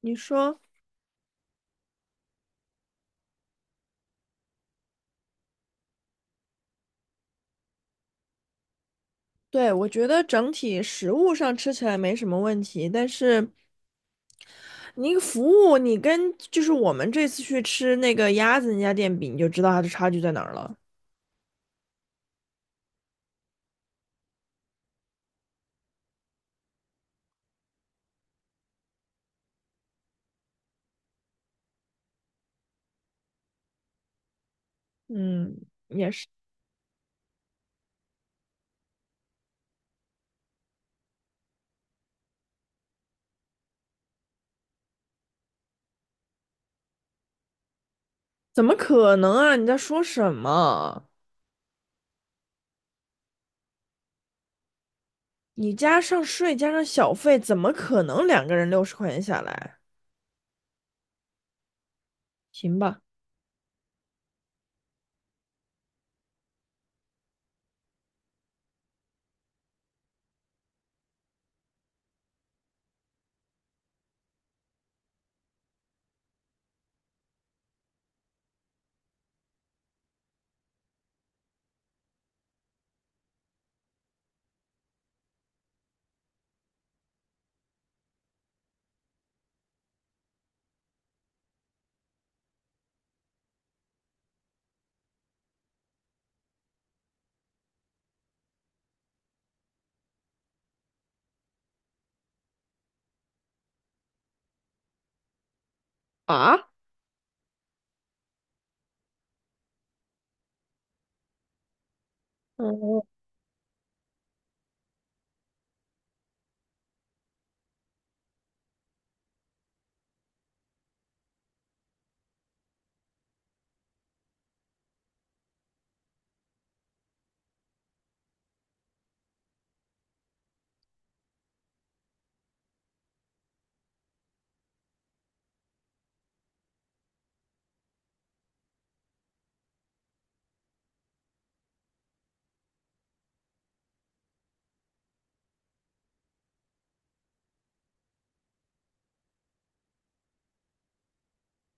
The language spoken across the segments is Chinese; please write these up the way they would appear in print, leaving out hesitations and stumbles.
你说，对，我觉得整体食物上吃起来没什么问题，但是你服务，你跟我们这次去吃那个鸭子那家店比，你就知道它的差距在哪儿了。嗯，怎么可能啊？你在说什么？你加上税加上小费，怎么可能两个人60块钱下来？行吧？啊？嗯。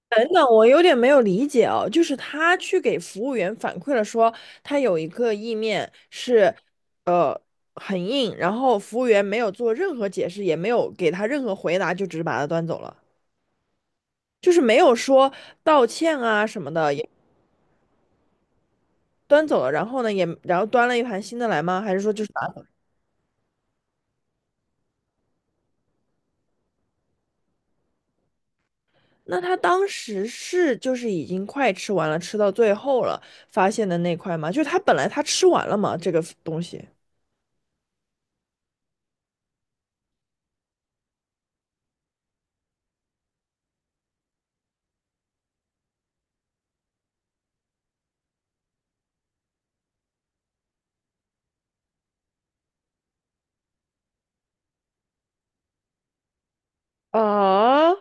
等等，我有点没有理解哦，就是他去给服务员反馈了说，他有一个意面是，呃，很硬，然后服务员没有做任何解释，也没有给他任何回答，就只是把他端走了，就是没有说道歉啊什么的，也端走了。然后呢，也然后端了一盘新的来吗？还是说就是那他当时是已经快吃完了，吃到最后了，发现的那块吗？就是他本来他吃完了嘛，这个东西啊，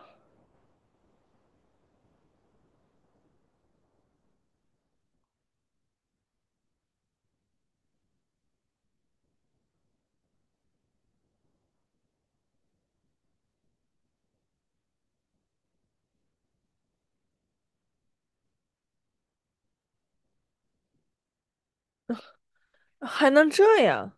还能这样？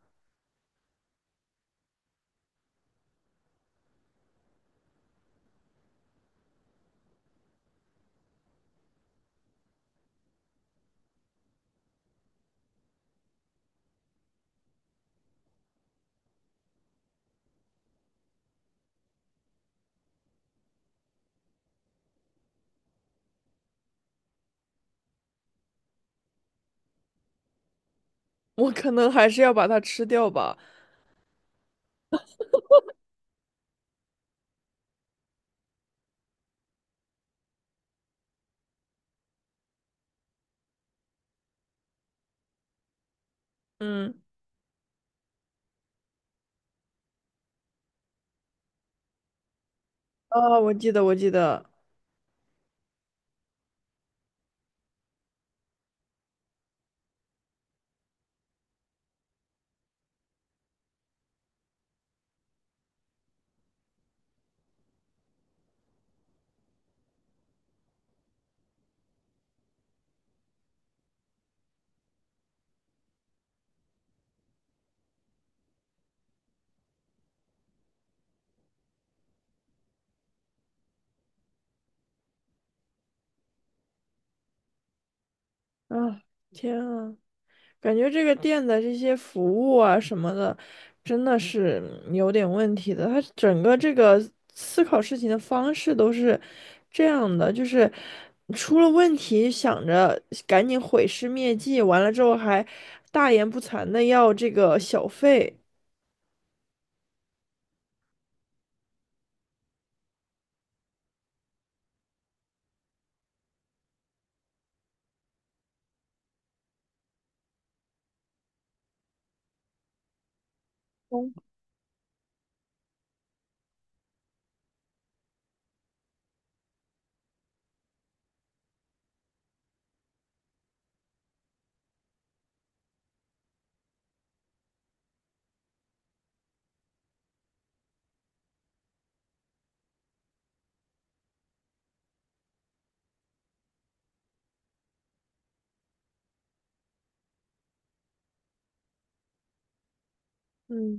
我可能还是要把它吃掉吧。嗯，啊，我记得，我记得。啊，天啊，感觉这个店的这些服务啊什么的，真的是嗯有点问题的。它整个这个思考事情的方式都是这样的，就是出了问题想着赶紧毁尸灭迹，完了之后还大言不惭的要这个小费。嗯，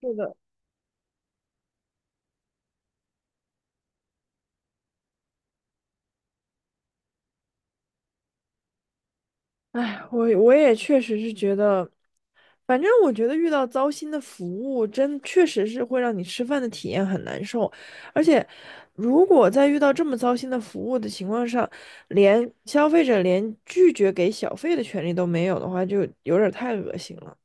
是的。哎，我也确实是觉得，反正我觉得遇到糟心的服务，真确实是会让你吃饭的体验很难受。而且，如果在遇到这么糟心的服务的情况上，连消费者连拒绝给小费的权利都没有的话，就有点儿太恶心了。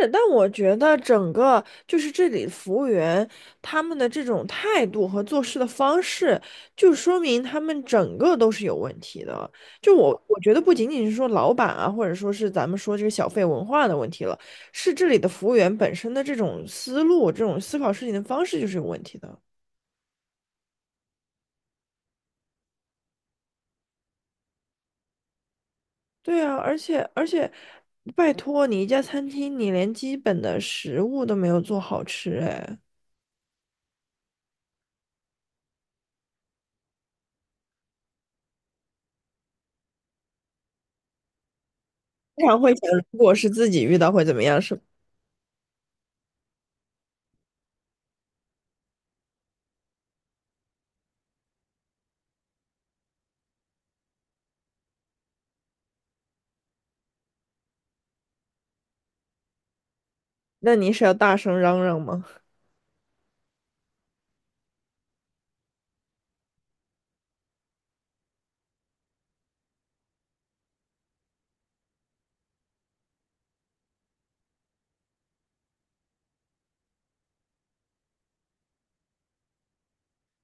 是，但我觉得整个就是这里服务员他们的这种态度和做事的方式，就说明他们整个都是有问题的。就我觉得不仅仅是说老板啊，或者说是咱们说这个小费文化的问题了，是这里的服务员本身的这种思路、这种思考事情的方式就是有问题的。对啊，而且，拜托你一家餐厅，你连基本的食物都没有做好吃，哎，经常会想，如果是自己遇到会怎么样，是吧？那你是要大声嚷嚷吗？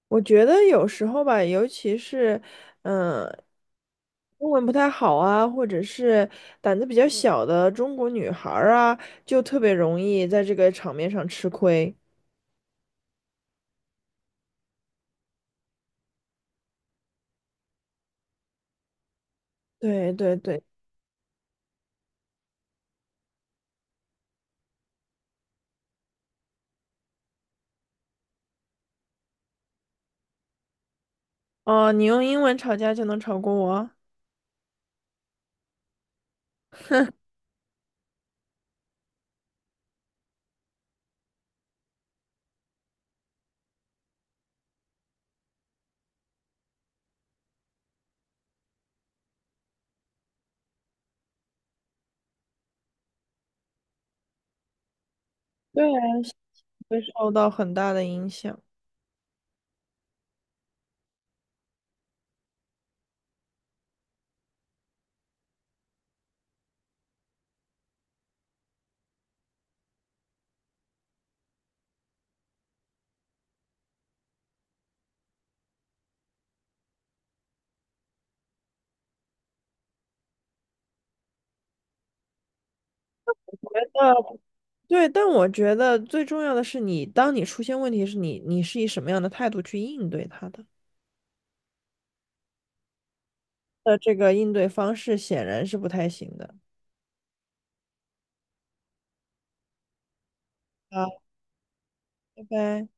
我觉得有时候吧，尤其是，嗯，英文不太好啊，或者是胆子比较小的中国女孩儿啊，就特别容易在这个场面上吃亏。对对对，哦，你用英文吵架就能吵过我？对啊，会受到很大的影响。呃，对，但我觉得最重要的是你，当你出现问题时，你是以什么样的态度去应对它的？那这个应对方式显然是不太行的。啊。拜拜。